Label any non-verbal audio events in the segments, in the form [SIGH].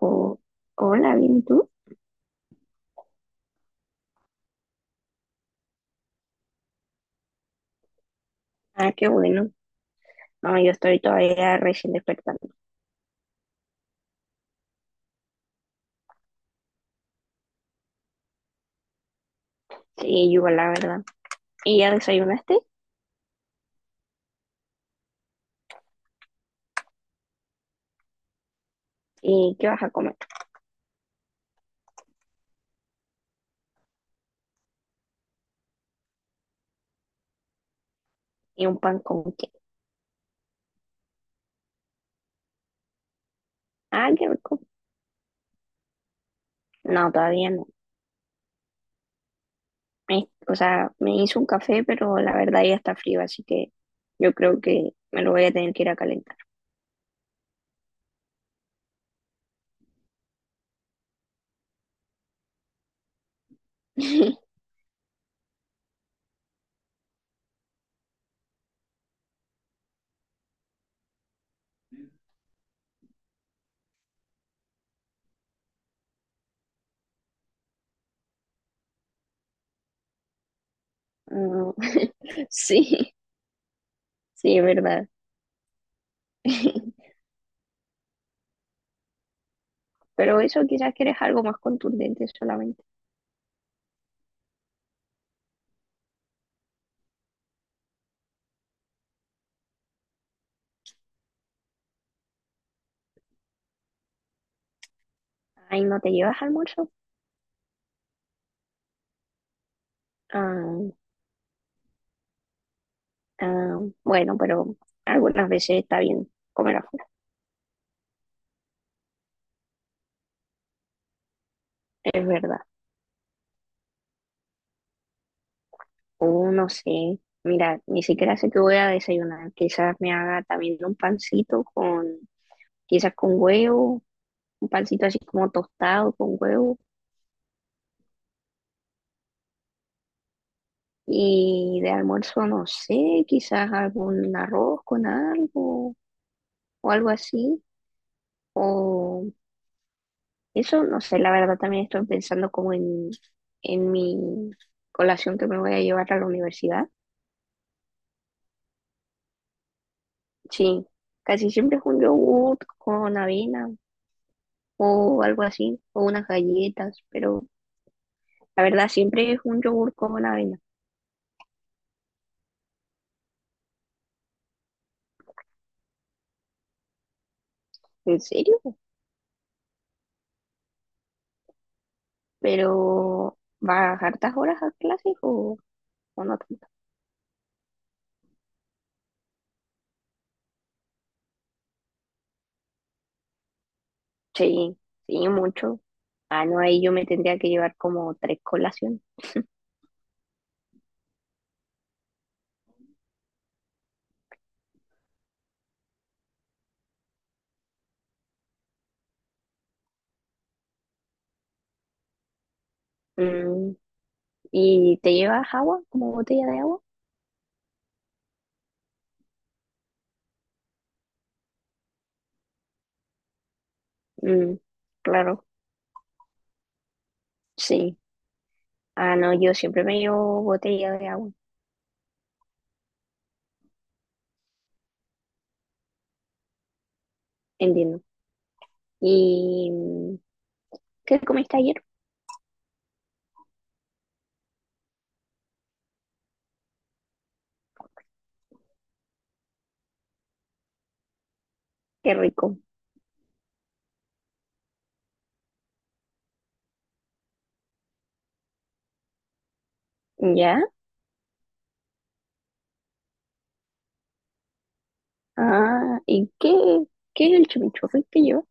Oh, hola, bien, ¿y tú? Ah, qué bueno. No, yo estoy todavía recién despertando. Sí, yo la verdad. ¿Y ya desayunaste? ¿Y qué vas a comer? ¿Y un pan con qué? Ah, qué rico. No, todavía no. O sea, me hice un café, pero la verdad ya está frío, así que yo creo que me lo voy a tener que ir a calentar. [LAUGHS] Mm, [LAUGHS] sí, sí, es verdad. [LAUGHS] Pero eso quizás quieres algo más contundente solamente. Ay, ¿no te llevas almuerzo? Ah. Ah, bueno, pero algunas veces está bien comer afuera, es verdad. O no sé, mira, ni siquiera sé qué voy a desayunar. Quizás me haga también un pancito quizás con huevo, un pancito así como tostado con huevo. Y de almuerzo, no sé, quizás algún arroz con algo o algo así. O eso, no sé, la verdad también estoy pensando como en mi colación que me voy a llevar a la universidad. Sí, casi siempre es un yogur con avena o algo así, o unas galletas, pero la verdad siempre es un yogur con avena. ¿En serio? ¿Pero vas hartas horas a clases o no tanto? Sí, sí, mucho. Ah, no, ahí yo me tendría que llevar como tres colaciones. Mm, ¿y te llevas agua, como botella de agua? Mm, claro, sí. Ah, no, yo siempre me llevo botella de agua, entiendo. ¿Y qué comiste ayer? Qué rico. ¿Ya? Ah, ¿y qué es el chimichurri que lleva?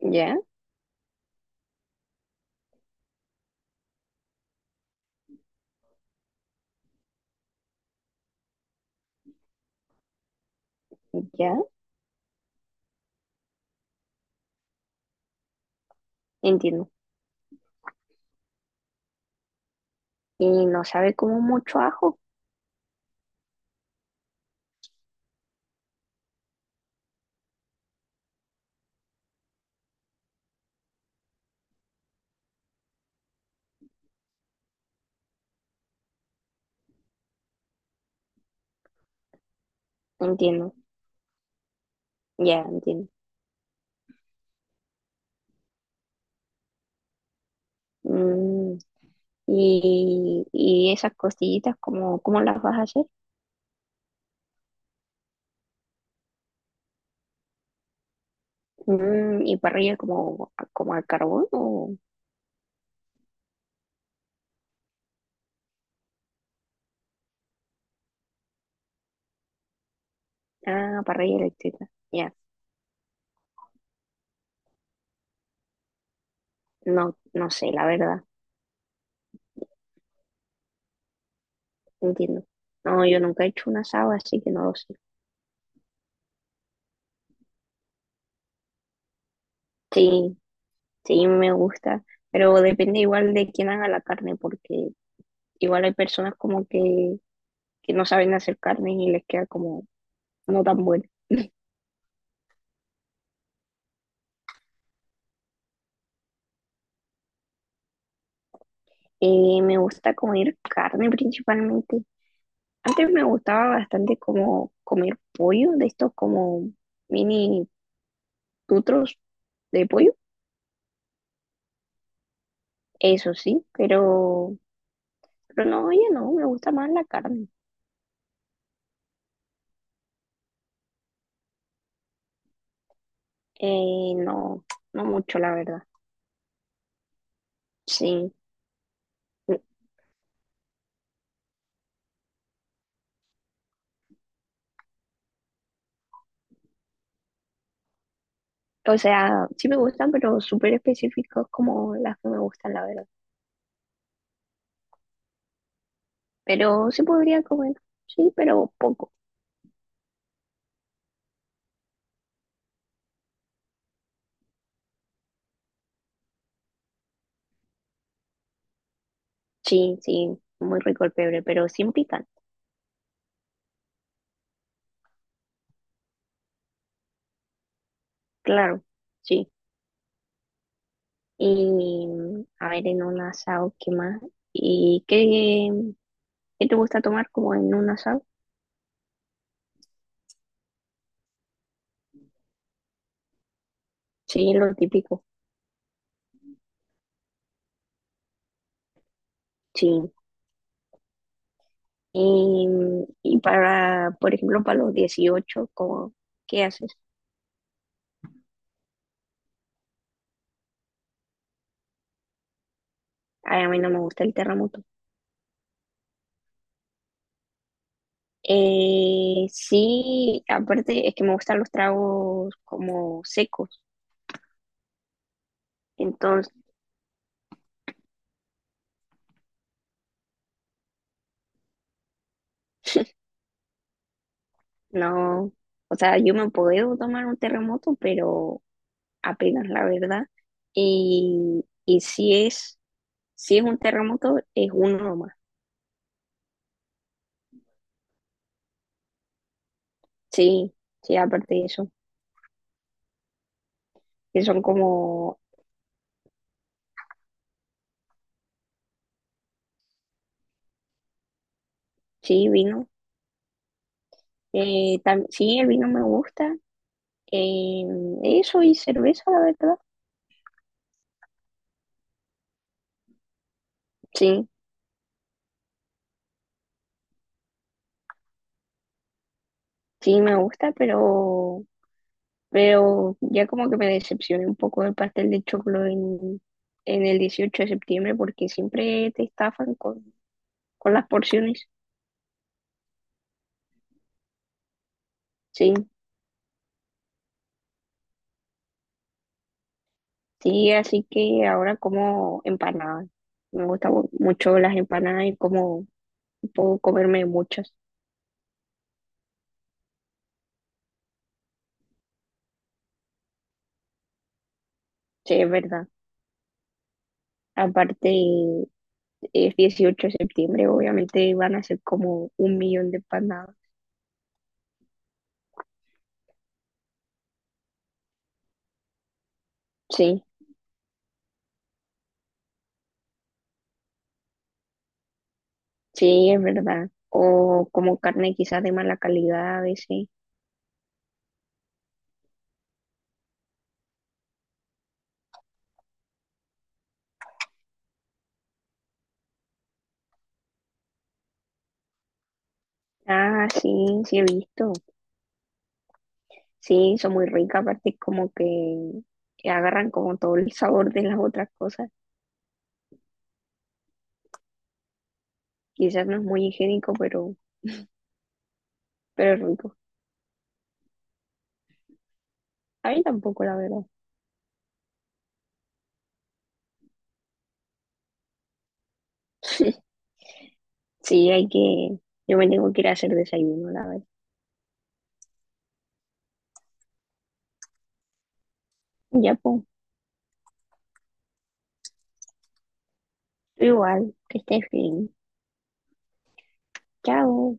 ¿Ya? ¿Ya? Entiendo. Y no sabe como mucho ajo. Entiendo. Ya, entiendo. Mm, y esas costillitas, ¿cómo las vas a hacer? ¿Y parrilla como al carbón o...? Ah, parrilla eléctrica. Ya. No, no sé, la verdad. Entiendo. No, yo nunca he hecho un asado, así que no lo sé. Sí, sí, me gusta, pero depende igual de quién haga la carne, porque igual hay personas como que no saben hacer carne y les queda como no tan buena. [LAUGHS] Me gusta comer carne principalmente. Antes me gustaba bastante como comer pollo, de estos como mini tutros de pollo, eso sí, pero no, oye, no, me gusta más la carne. No, no mucho, la verdad. Sí. O sea, sí me gustan, pero súper específicos como las que me gustan, la verdad. Pero sí podría comer, sí, pero poco. Sí, sí, muy rico el pebre, pero sin picar, claro, sí. Y a ver, en un asado, ¿qué más? ¿Y qué te gusta tomar como en un asado? Sí, lo típico, sí. Y para, por ejemplo, para los 18 como, ¿qué haces? Ay, a mí no me gusta el terremoto. Sí, aparte es que me gustan los tragos como secos, entonces [LAUGHS] no, o sea, yo me puedo tomar un terremoto, pero apenas la verdad. Y si es un terremoto, es uno más. Sí, sí, aparte de eso, que son como, sí, vino. Sí, el vino me gusta. eh, eso y cerveza, la verdad. Sí, sí, me gusta, pero ya como que me decepcioné un poco del pastel de choclo en, el 18 de septiembre porque siempre te estafan con las porciones. Sí, sí, así que ahora como empanadas. Mucho las empanadas y como puedo comerme muchas. Sí, es verdad. Aparte, es 18 de septiembre, obviamente van a ser como un millón de empanadas. Sí, sí, es verdad. O como carne quizás de mala calidad a veces. Ah, sí, sí he visto. Sí, son muy ricas, aparte como que agarran como todo el sabor de las otras cosas. Quizás no es muy higiénico, pero es rico. A mí tampoco, la verdad. [LAUGHS] Sí, hay que, yo me tengo que ir a hacer desayuno, la verdad. Ya, pues, igual, que estés bien. Chao.